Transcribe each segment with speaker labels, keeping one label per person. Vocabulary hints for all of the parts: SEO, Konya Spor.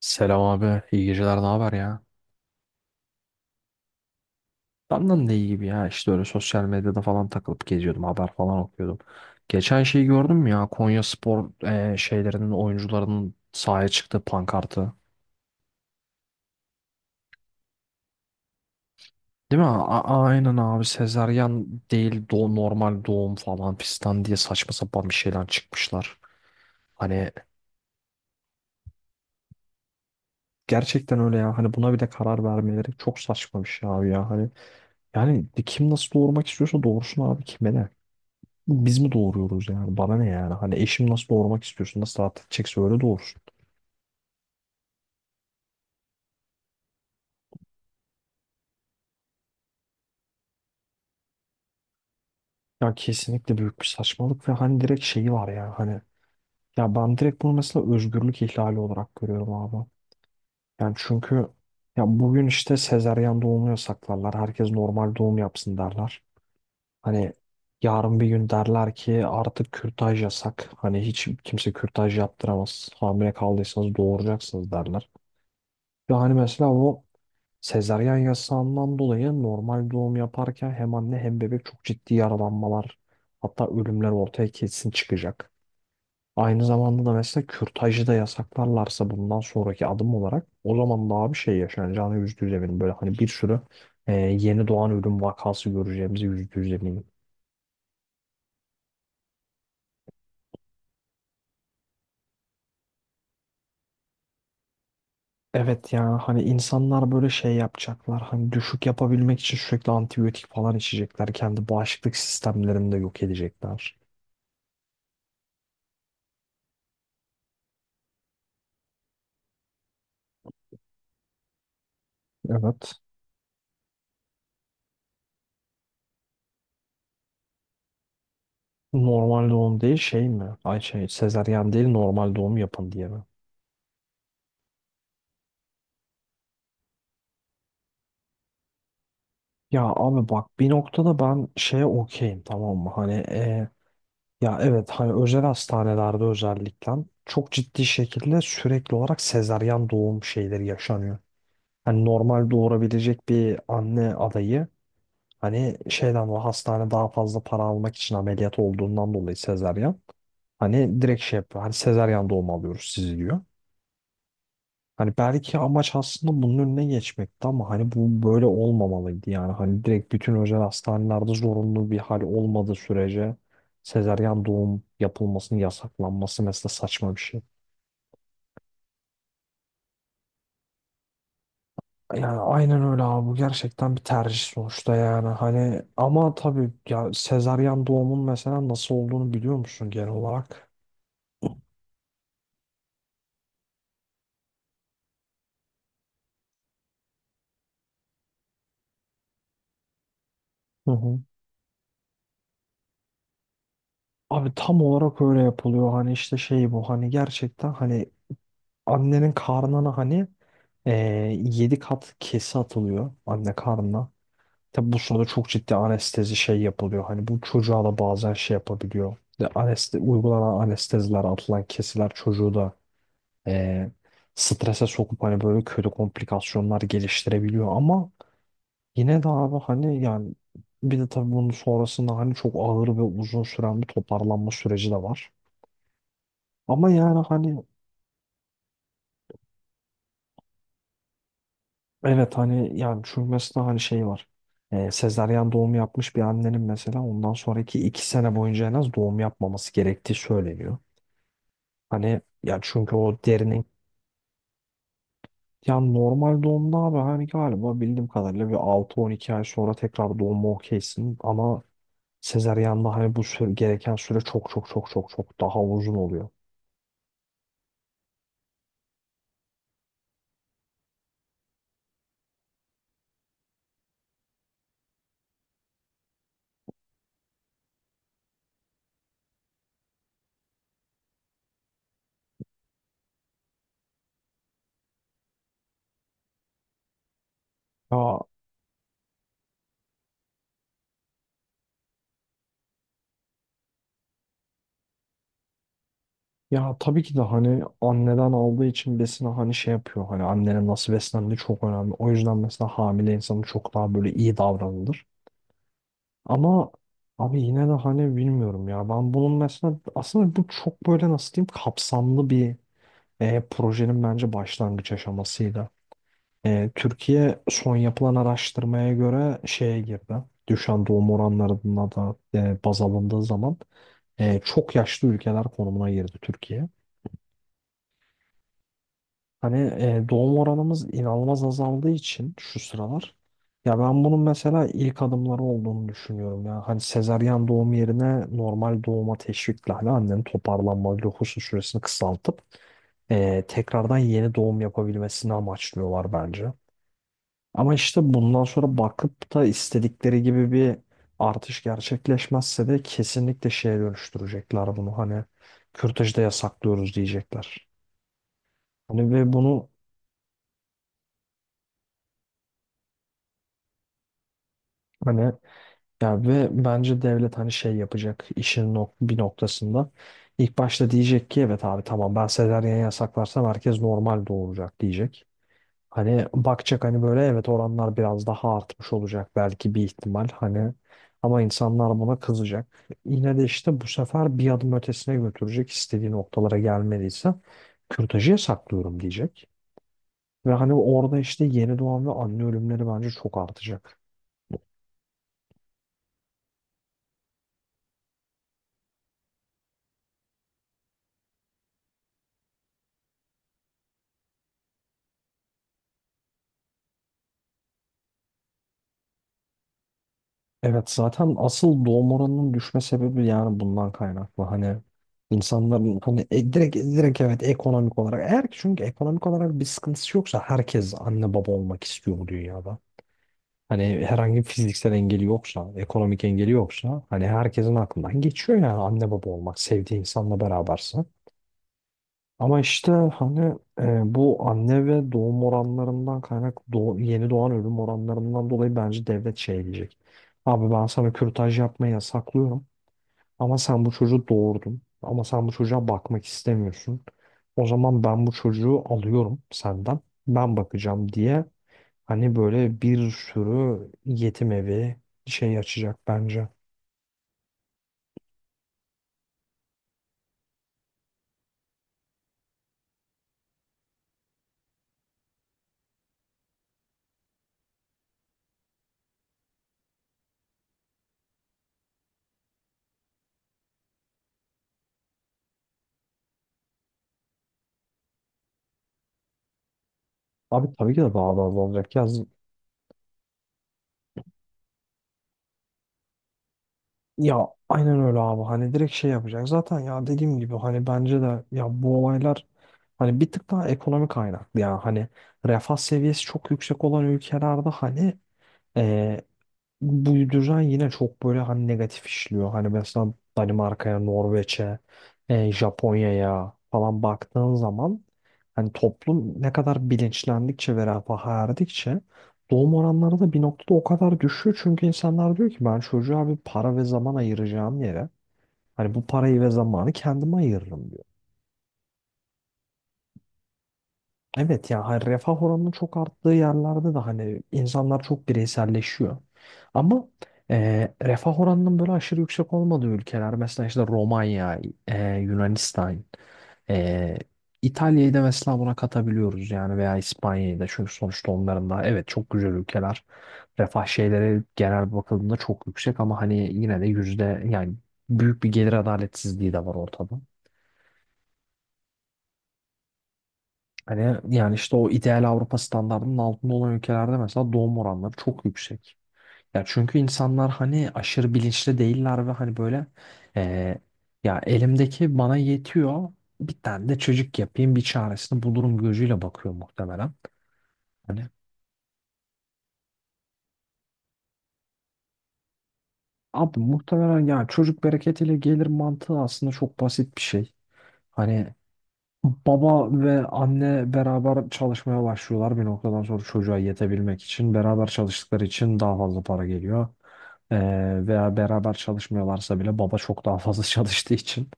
Speaker 1: Selam abi. İyi geceler. Ne haber ya? Benden de iyi gibi ya. İşte öyle sosyal medyada falan takılıp geziyordum. Haber falan okuyordum. Geçen şeyi gördün mü ya? Konya Spor, şeylerinin oyuncularının sahaya çıktığı pankartı. Değil mi? Aynen abi. Sezaryen değil normal doğum falan fistan diye saçma sapan bir şeyler çıkmışlar. Hani gerçekten öyle ya. Hani buna bile karar vermeleri çok saçma bir şey abi ya. Hani yani kim nasıl doğurmak istiyorsa doğursun abi. Kime ne? Biz mi doğuruyoruz yani? Bana ne yani? Hani eşim nasıl doğurmak istiyorsun? Nasıl rahat edecekse öyle doğursun. Ya kesinlikle büyük bir saçmalık ve hani direkt şeyi var ya, hani ya ben direkt bunu mesela özgürlük ihlali olarak görüyorum abi. Yani çünkü ya bugün işte sezaryen doğumu yasaklarlar. Herkes normal doğum yapsın derler. Hani yarın bir gün derler ki artık kürtaj yasak. Hani hiç kimse kürtaj yaptıramaz. Hamile kaldıysanız doğuracaksınız derler. Ve hani mesela o sezaryen yasağından dolayı normal doğum yaparken hem anne hem bebek çok ciddi yaralanmalar, hatta ölümler ortaya kesin çıkacak. Aynı zamanda da mesela kürtajı da yasaklarlarsa bundan sonraki adım olarak o zaman daha bir şey yaşanacağını %100 eminim. Böyle hani bir sürü yeni doğan ölüm vakası göreceğimizi %100 eminim. Evet, yani hani insanlar böyle şey yapacaklar, hani düşük yapabilmek için sürekli antibiyotik falan içecekler. Kendi bağışıklık sistemlerini de yok edecekler. Evet. Normal doğum değil şey mi? Ay şey, sezaryen değil normal doğum yapın diye mi? Ya abi bak, bir noktada ben şeye okeyim, tamam mı? Hani ya evet, hani özel hastanelerde özellikle çok ciddi şekilde sürekli olarak sezaryen doğum şeyleri yaşanıyor. Hani normal doğurabilecek bir anne adayı, hani şeyden, o hastane daha fazla para almak için ameliyat olduğundan dolayı sezaryen, hani direkt şey yapıyor. Hani sezaryen doğum alıyoruz sizi diyor. Hani belki amaç aslında bunun önüne geçmekti ama hani bu böyle olmamalıydı yani. Hani direkt bütün özel hastanelerde zorunlu bir hal olmadığı sürece sezaryen doğum yapılmasının yasaklanması mesela saçma bir şey. Yani aynen öyle abi, bu gerçekten bir tercih sonuçta yani, hani ama tabii ya, sezaryen doğumun mesela nasıl olduğunu biliyor musun genel olarak? Hı hı. Abi tam olarak öyle yapılıyor, hani işte şey bu, hani gerçekten hani annenin karnına hani yedi kat kesi atılıyor anne karnına. Tabi bu sırada çok ciddi anestezi şey yapılıyor. Hani bu çocuğa da bazen şey yapabiliyor. De aneste Uygulanan anesteziler, atılan kesiler çocuğu da ee, strese sokup hani böyle kötü komplikasyonlar geliştirebiliyor. Ama yine de abi hani yani, bir de tabii bunun sonrasında hani çok ağır ve uzun süren bir toparlanma süreci de var. Ama yani hani. Evet, hani yani çünkü mesela hani şey var. Sezaryen doğum yapmış bir annenin mesela ondan sonraki 2 sene boyunca en az doğum yapmaması gerektiği söyleniyor. Hani ya çünkü o derinin, ya normal doğumda abi, hani galiba bildiğim kadarıyla bir 6-12 ay sonra tekrar doğuma okeysin ama sezaryanda hani bu süre, gereken süre çok çok çok çok çok daha uzun oluyor. Ya Ya tabii ki de hani anneden aldığı için besini, hani şey yapıyor. Hani annenin nasıl beslendiği çok önemli. O yüzden mesela hamile insanın çok daha böyle iyi davranılır. Ama abi yine de hani bilmiyorum ya. Ben bunun mesela aslında, bu çok böyle nasıl diyeyim, kapsamlı bir projenin bence başlangıç aşamasıydı. Türkiye son yapılan araştırmaya göre şeye girdi. Düşen doğum oranlarına da baz alındığı zaman çok yaşlı ülkeler konumuna girdi Türkiye. Hani doğum oranımız inanılmaz azaldığı için şu sıralar, ya ben bunun mesela ilk adımları olduğunu düşünüyorum ya. Hani sezaryen doğum yerine normal doğuma teşvikle hani annenin toparlanma lohusa süresini kısaltıp tekrardan yeni doğum yapabilmesini amaçlıyorlar bence. Ama işte bundan sonra bakıp da istedikleri gibi bir artış gerçekleşmezse de kesinlikle şeye dönüştürecekler bunu. Hani kürtajı da yasaklıyoruz diyecekler. Hani ve bunu hani. Ya ve bence devlet hani şey yapacak işin bir noktasında. İlk başta diyecek ki evet abi tamam, ben sezaryen yasaklarsam herkes normal doğuracak diyecek. Hani bakacak, hani böyle evet, oranlar biraz daha artmış olacak belki bir ihtimal hani, ama insanlar buna kızacak. Yine de işte bu sefer bir adım ötesine götürecek, istediği noktalara gelmediyse kürtajı yasaklıyorum diyecek. Ve hani orada işte yeni doğan ve anne ölümleri bence çok artacak. Evet, zaten asıl doğum oranının düşme sebebi yani bundan kaynaklı. Hani insanların hani direkt evet, ekonomik olarak, eğer ki çünkü ekonomik olarak bir sıkıntısı yoksa herkes anne baba olmak istiyor bu dünyada. Hani herhangi bir fiziksel engeli yoksa, ekonomik engeli yoksa, hani herkesin aklından geçiyor yani anne baba olmak, sevdiği insanla berabersin. Ama işte hani bu anne ve doğum oranlarından yeni doğan ölüm oranlarından dolayı bence devlet şey diyecek. Abi ben sana kürtaj yapmayı yasaklıyorum ama sen bu çocuğu doğurdun, ama sen bu çocuğa bakmak istemiyorsun. O zaman ben bu çocuğu alıyorum senden. Ben bakacağım diye, hani böyle bir sürü yetim evi şey açacak bence. Abi tabii ki de daha da az olacak ya. Ya aynen öyle abi, hani direkt şey yapacak. Zaten ya, dediğim gibi hani bence de ya bu olaylar hani bir tık daha ekonomik kaynaklı ya. Hani refah seviyesi çok yüksek olan ülkelerde hani bu düzen yine çok böyle hani negatif işliyor. Hani mesela Danimarka'ya, Norveç'e, Japonya'ya falan baktığın zaman, hani toplum ne kadar bilinçlendikçe ve refaha erdikçe doğum oranları da bir noktada o kadar düşüyor. Çünkü insanlar diyor ki ben çocuğa bir para ve zaman ayıracağım yere hani bu parayı ve zamanı kendime ayırırım. Evet ya, hani refah oranının çok arttığı yerlerde de hani insanlar çok bireyselleşiyor. Ama refah oranının böyle aşırı yüksek olmadığı ülkeler, mesela işte Romanya, Yunanistan, e, İtalya'yı da mesela buna katabiliyoruz yani, veya İspanya'yı da, çünkü sonuçta onların da evet çok güzel ülkeler. Refah şeyleri genel bakıldığında çok yüksek, ama hani yine de yüzde yani büyük bir gelir adaletsizliği de var ortada. Hani yani işte o ideal Avrupa standardının altında olan ülkelerde mesela doğum oranları çok yüksek. Ya çünkü insanlar hani aşırı bilinçli değiller ve hani böyle eee, ya elimdeki bana yetiyor, bir tane de çocuk yapayım, bir çaresini bulurum gözüyle bakıyor muhtemelen. Hani abi muhtemelen yani çocuk bereketiyle gelir mantığı aslında çok basit bir şey. Hani baba ve anne beraber çalışmaya başlıyorlar bir noktadan sonra çocuğa yetebilmek için. Beraber çalıştıkları için daha fazla para geliyor. Veya beraber çalışmıyorlarsa bile baba çok daha fazla çalıştığı için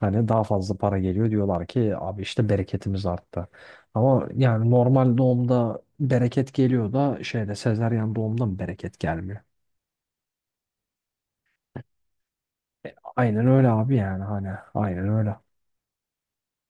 Speaker 1: hani daha fazla para geliyor. Diyorlar ki abi işte bereketimiz arttı. Ama yani normal doğumda bereket geliyor da şeyde sezaryen doğumda mı bereket gelmiyor? Aynen öyle abi, yani hani aynen öyle.